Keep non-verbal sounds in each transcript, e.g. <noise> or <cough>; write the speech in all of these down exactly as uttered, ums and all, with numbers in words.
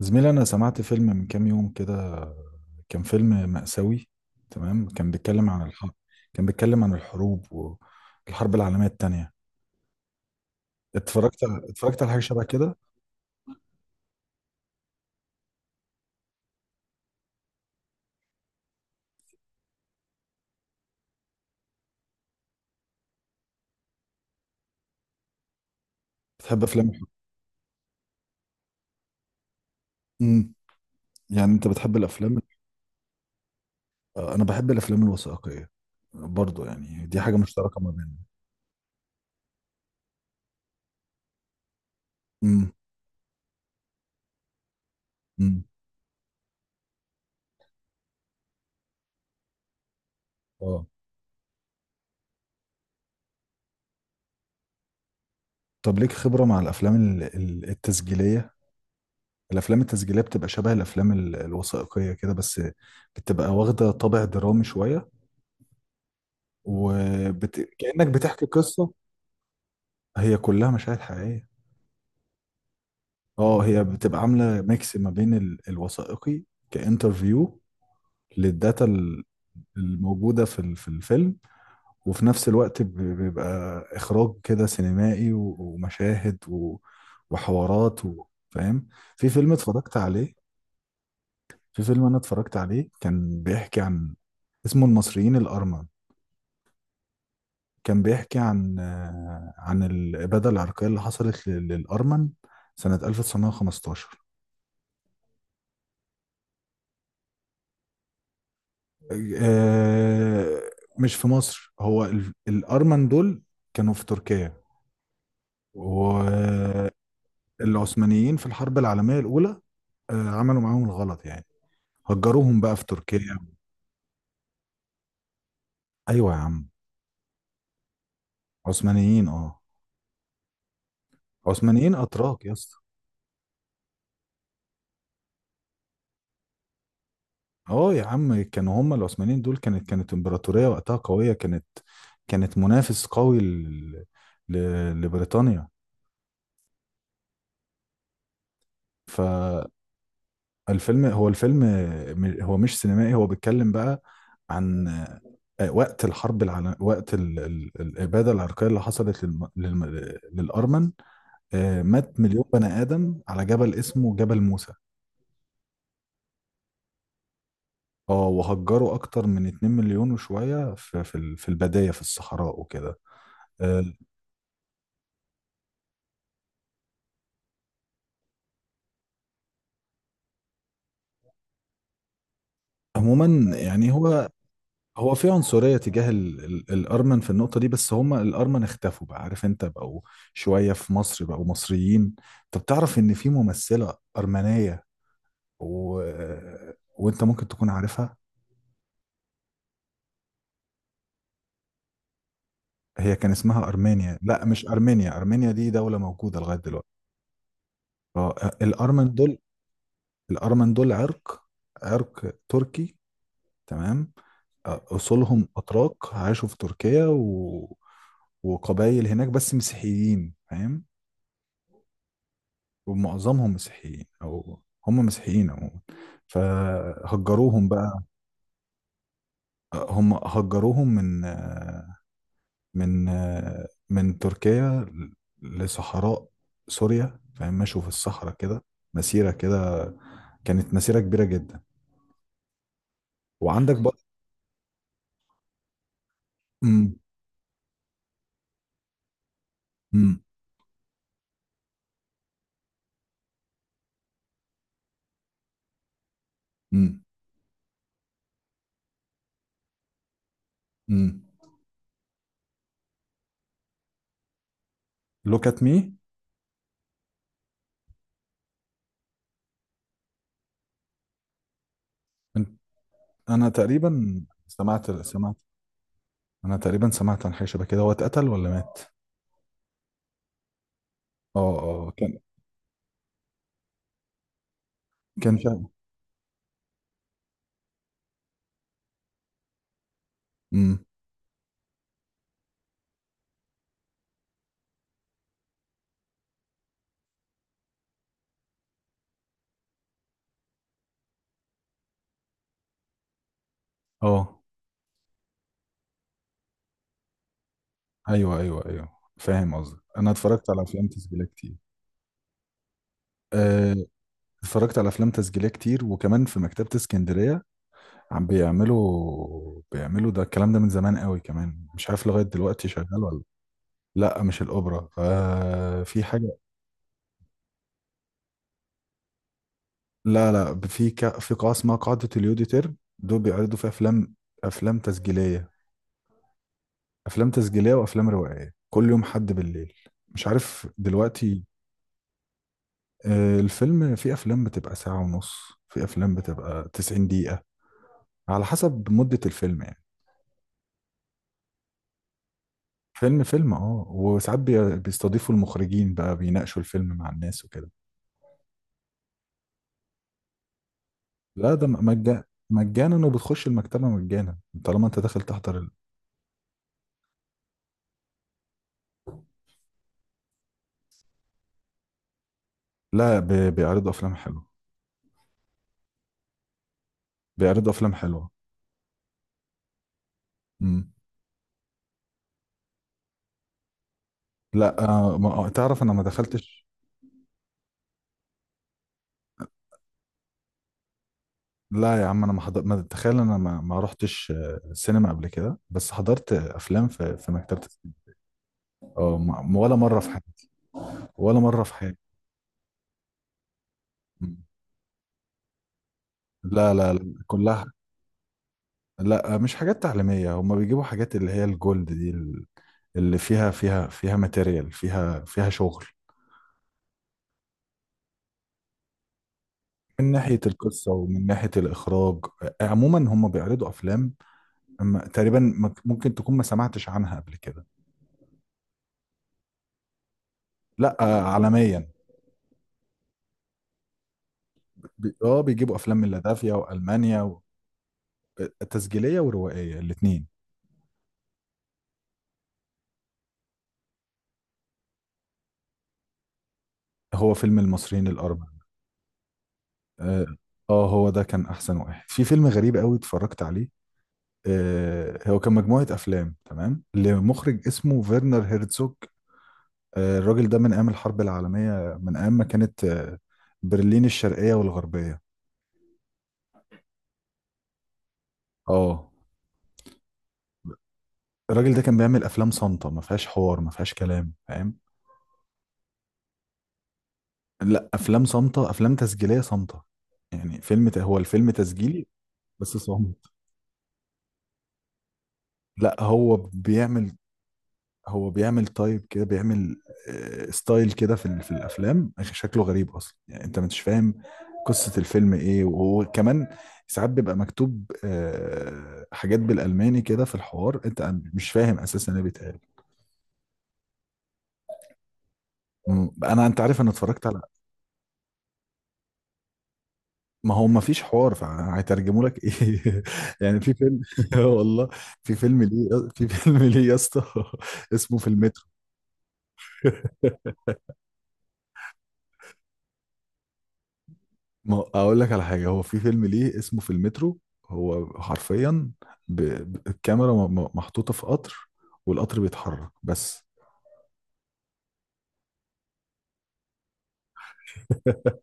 زميلي، أنا سمعت فيلم من كام يوم كده. كان فيلم مأساوي. تمام، كان بيتكلم عن الحرب. كان بيتكلم عن الحروب والحرب العالمية التانية. اتفرجت على... اتفرجت على حاجة شبه كده. بتحب أفلام الحروب؟ امم يعني أنت بتحب الأفلام؟ آه، أنا بحب الأفلام الوثائقية برضو، يعني دي حاجة مشتركة ما بيننا. امم. امم. اه. طب ليك خبرة مع الأفلام ال- ال- التسجيلية. الأفلام التسجيلية بتبقى شبه الأفلام ال- الوثائقية كده، بس بتبقى واخدة طابع درامي شوية، وبت... كأنك بتحكي قصة. هي كلها مشاهد حقيقية. اه، هي بتبقى عاملة ميكس ما بين ال... الوثائقي، كانترفيو، للداتا ال- الموجودة في ال- في الفيلم. وفي نفس الوقت ب- بيبقى إخراج كده سينمائي و- ومشاهد و... وحوارات و... فاهم. في فيلم اتفرجت عليه. في فيلم أنا اتفرجت عليه كان بيحكي عن، اسمه المصريين الأرمن. كان بيحكي عن آه، عن الإبادة العرقية اللي حصلت لل- للأرمن سنة ألف وتسعمية وخمستاشر. آه، مش في مصر، هو ال- الأرمن دول كانوا في تركيا والعثمانيين في الحرب العالمية الأولى. آه، عملوا معاهم الغلط يعني، هجروهم بقى في تركيا. أيوة يا عم. عثمانيين، اه. عثمانيين أتراك يا اسطى. اه يا عم، كانوا هم العثمانيين دول كانت كانت امبراطورية وقتها قوية، كانت كانت منافس قوي ل... ل... لبريطانيا. فالفيلم. هو الفيلم، م- هو مش سينمائي، هو بيتكلم بقى عن آه، وقت الحرب العالم وقت ال... ال... الإبادة العرقية اللي حصلت للم... للم... للأرمن. آه، مات مليون بني آدم على جبل اسمه جبل موسى. اه، وهجروا أكتر من 2 مليون وشوية في في ال- في البداية في الصحراء وكده. آه، عموما يعني هو، هو في عنصرية تجاه ال ال الأرمن في النقطة دي، بس هم الأرمن اختفوا بقى عارف انت، بقوا شوية في مصر بقوا مصريين. طب تعرف ان في ممثلة أرمنية و... وانت ممكن تكون عارفها. هي كان اسمها أرمينيا، لا مش أرمينيا، أرمينيا دي دولة موجودة لغاية دلوقتي. اه الأرمن دول، الأرمن دول عرق، عرق تركي، تمام. آه، أصولهم أتراك عاشوا في تركيا و... وقبائل هناك بس مسيحيين فاهم. ومعظمهم مسيحيين، او هم مسيحيين عموما. فهجروهم بقى. هم هجروهم من من من تركيا لصحراء سوريا فاهم، مشوا في الصحراء كده مسيرة كده، كانت مسيرة كبيرة جدا. وعندك مم. بقى. مم. مم. مم. مم. look at me. أنت- انا تقريبا سمعت سمعت. انا تقريبا سمعت عن حاجة شبه كده، هو اتقتل ولا مات؟ اه اه، كان، كان شاب. امم. اه. ايوه ايوه ايوه. فاهم قصدك، انا اتفرجت على افلام تسجيليه كتير. آه، اتفرجت على افلام تسجيليه كتير وكمان في مكتبه اسكندريه. عم بيعملوا بيعملوا ده الكلام ده من زمان قوي كمان، مش عارف لغايه دلوقتي شغال ولا. لا مش الاوبرا، آه في حاجه. لا لا، في ك... في قاعه اسمها قاعده اليوديتر، دول بيعرضوا فيها افلام، افلام تسجيليه. افلام تسجيليه وافلام روائيه كل يوم حد بالليل، مش عارف دلوقتي. آه، الفيلم، في افلام بتبقى ساعة ونص، في افلام بتبقى 90 دقيقة، على حسب مدة الفيلم يعني. فيلم فيلم، اه، وساعات بي- بيستضيفوا المخرجين بقى بيناقشوا الفيلم مع الناس وكده. لا ده مجانا، مجانا. وبتخش المكتبة مجانا طالما انت داخل تحضر ال... لا، بي- بيعرضوا افلام حلوة. بيعرضوا افلام حلوة. امم. لا آه ما آه، تعرف انا ما دخلتش. لا يا عم، انا ما حضرت، ما تخيل. انا ما, ما رحتش آه، سينما قبل كده، بس حضرت افلام في في مكتبة السينما. اه، ما- ولا مرة في حياتي. ولا مرة في حياتي. لا لا لا، كلها. لا مش حاجات تعليمية، هما بيجيبوا حاجات اللي هي الجولد دي ال- اللي فيها فيها فيها ماتيريال، فيها فيها شغل. من ناحية القصة ومن ناحية الإخراج. عموما هم بيعرضوا أفلام، أما تقريبا ما- ممكن تكون ما سمعتش عنها قبل كده. لا آه، عالميا. بي- اه بيجيبوا أفلام من لاتفيا وألمانيا و- آه، تسجيلية وروائية الاتنين. هو فيلم المصريين الأربعة. اه. آه، هو ده كان أحسن واحد. في فيلم غريب قوي اتفرجت عليه، آه، هو كان مجموعة أفلام تمام لمخرج اسمه فيرنر هيرتزوج. آه، الراجل ده من أيام الحرب العالمية، من أيام ما كانت آه، برلين الشرقية والغربية. اه. الراجل ده كان بيعمل أفلام صامتة، ما فيهاش حوار ما فيهاش كلام فاهم. لا، أفلام صامتة، أفلام تسجيلية صامتة. يعني فيلم، ت- هو الفيلم تسجيلي بس صامت. لا، هو بيعمل، هو بيعمل تايب كده، بيعمل آه، ستايل كده في ال- في الافلام. شكله غريب اصلا يعني، انت مش فاهم قصة الفيلم ايه. وهو كمان ساعات بيبقى مكتوب آه، حاجات بالالماني كده في الحوار، انت مش فاهم اساسا ايه بيتقال. مم، انا، انت عارف، انا اتفرجت على. ما هو ما فيش حوار، فهيترجموا لك ايه؟ <laughs> يعني في فيلم. <laughs> والله، في فيلم ليه، في فيلم ليه يا اسطى. <laughs> اسمه في المترو. <laughs> ما اقول لك على حاجه، هو في فيلم ليه اسمه في المترو. هو حرفيا، ب... ب- الكاميرا م... م- محطوطه في قطر، والقطر بيتحرك بس. <laughs>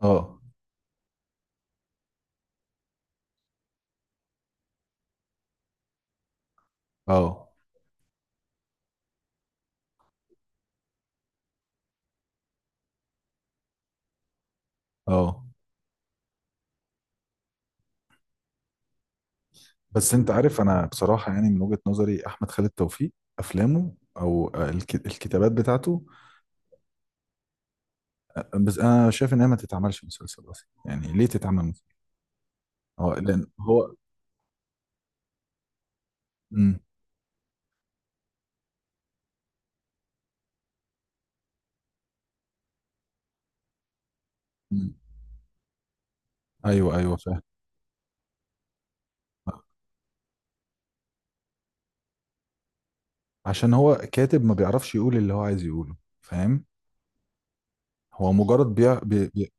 اه اه اه. بس انت عارف، انا بصراحه يعني من وجهه نظري احمد خالد توفيق، افلامه او آه، الك... الكتابات بتاعته. بس انا شايف انها ما تتعملش مسلسل اصلا، يعني ليه تتعمل مسلسل؟ اه لان هو. مم. مم. ايوه ايوه، فاهم. عشان هو كاتب ما بيعرفش يقول اللي هو عايز يقوله، فاهم. هو مجرد بيع... بي... بي-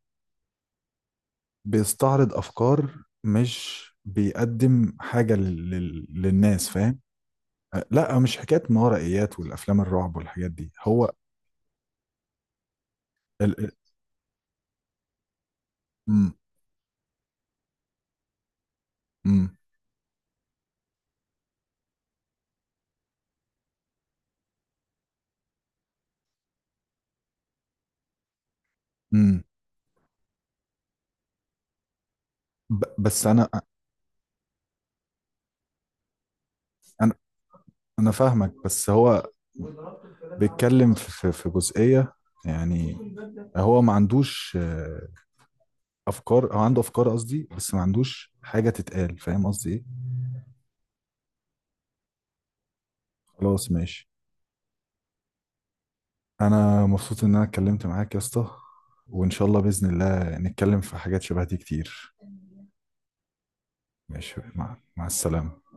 بيستعرض افكار، مش بيقدم حاجه لل... لل- للناس فاهم. أه، لا مش حكايه ما ورائيات والافلام الرعب والحاجات دي هو. ال... ال- م... م... م. ب... بس انا، انا انا فاهمك، بس هو بيتكلم في في في جزئيه يعني، هو ما عندوش آه، افكار، او عنده افكار قصدي، بس ما عندوش حاجه تتقال. فاهم قصدي ايه؟ خلاص ماشي. انا مبسوط ان انا اتكلمت معاك يا اسطى، وان شاء الله باذن الله نتكلم في حاجات شبه دي كتير. ماشي، مع, مع السلامه.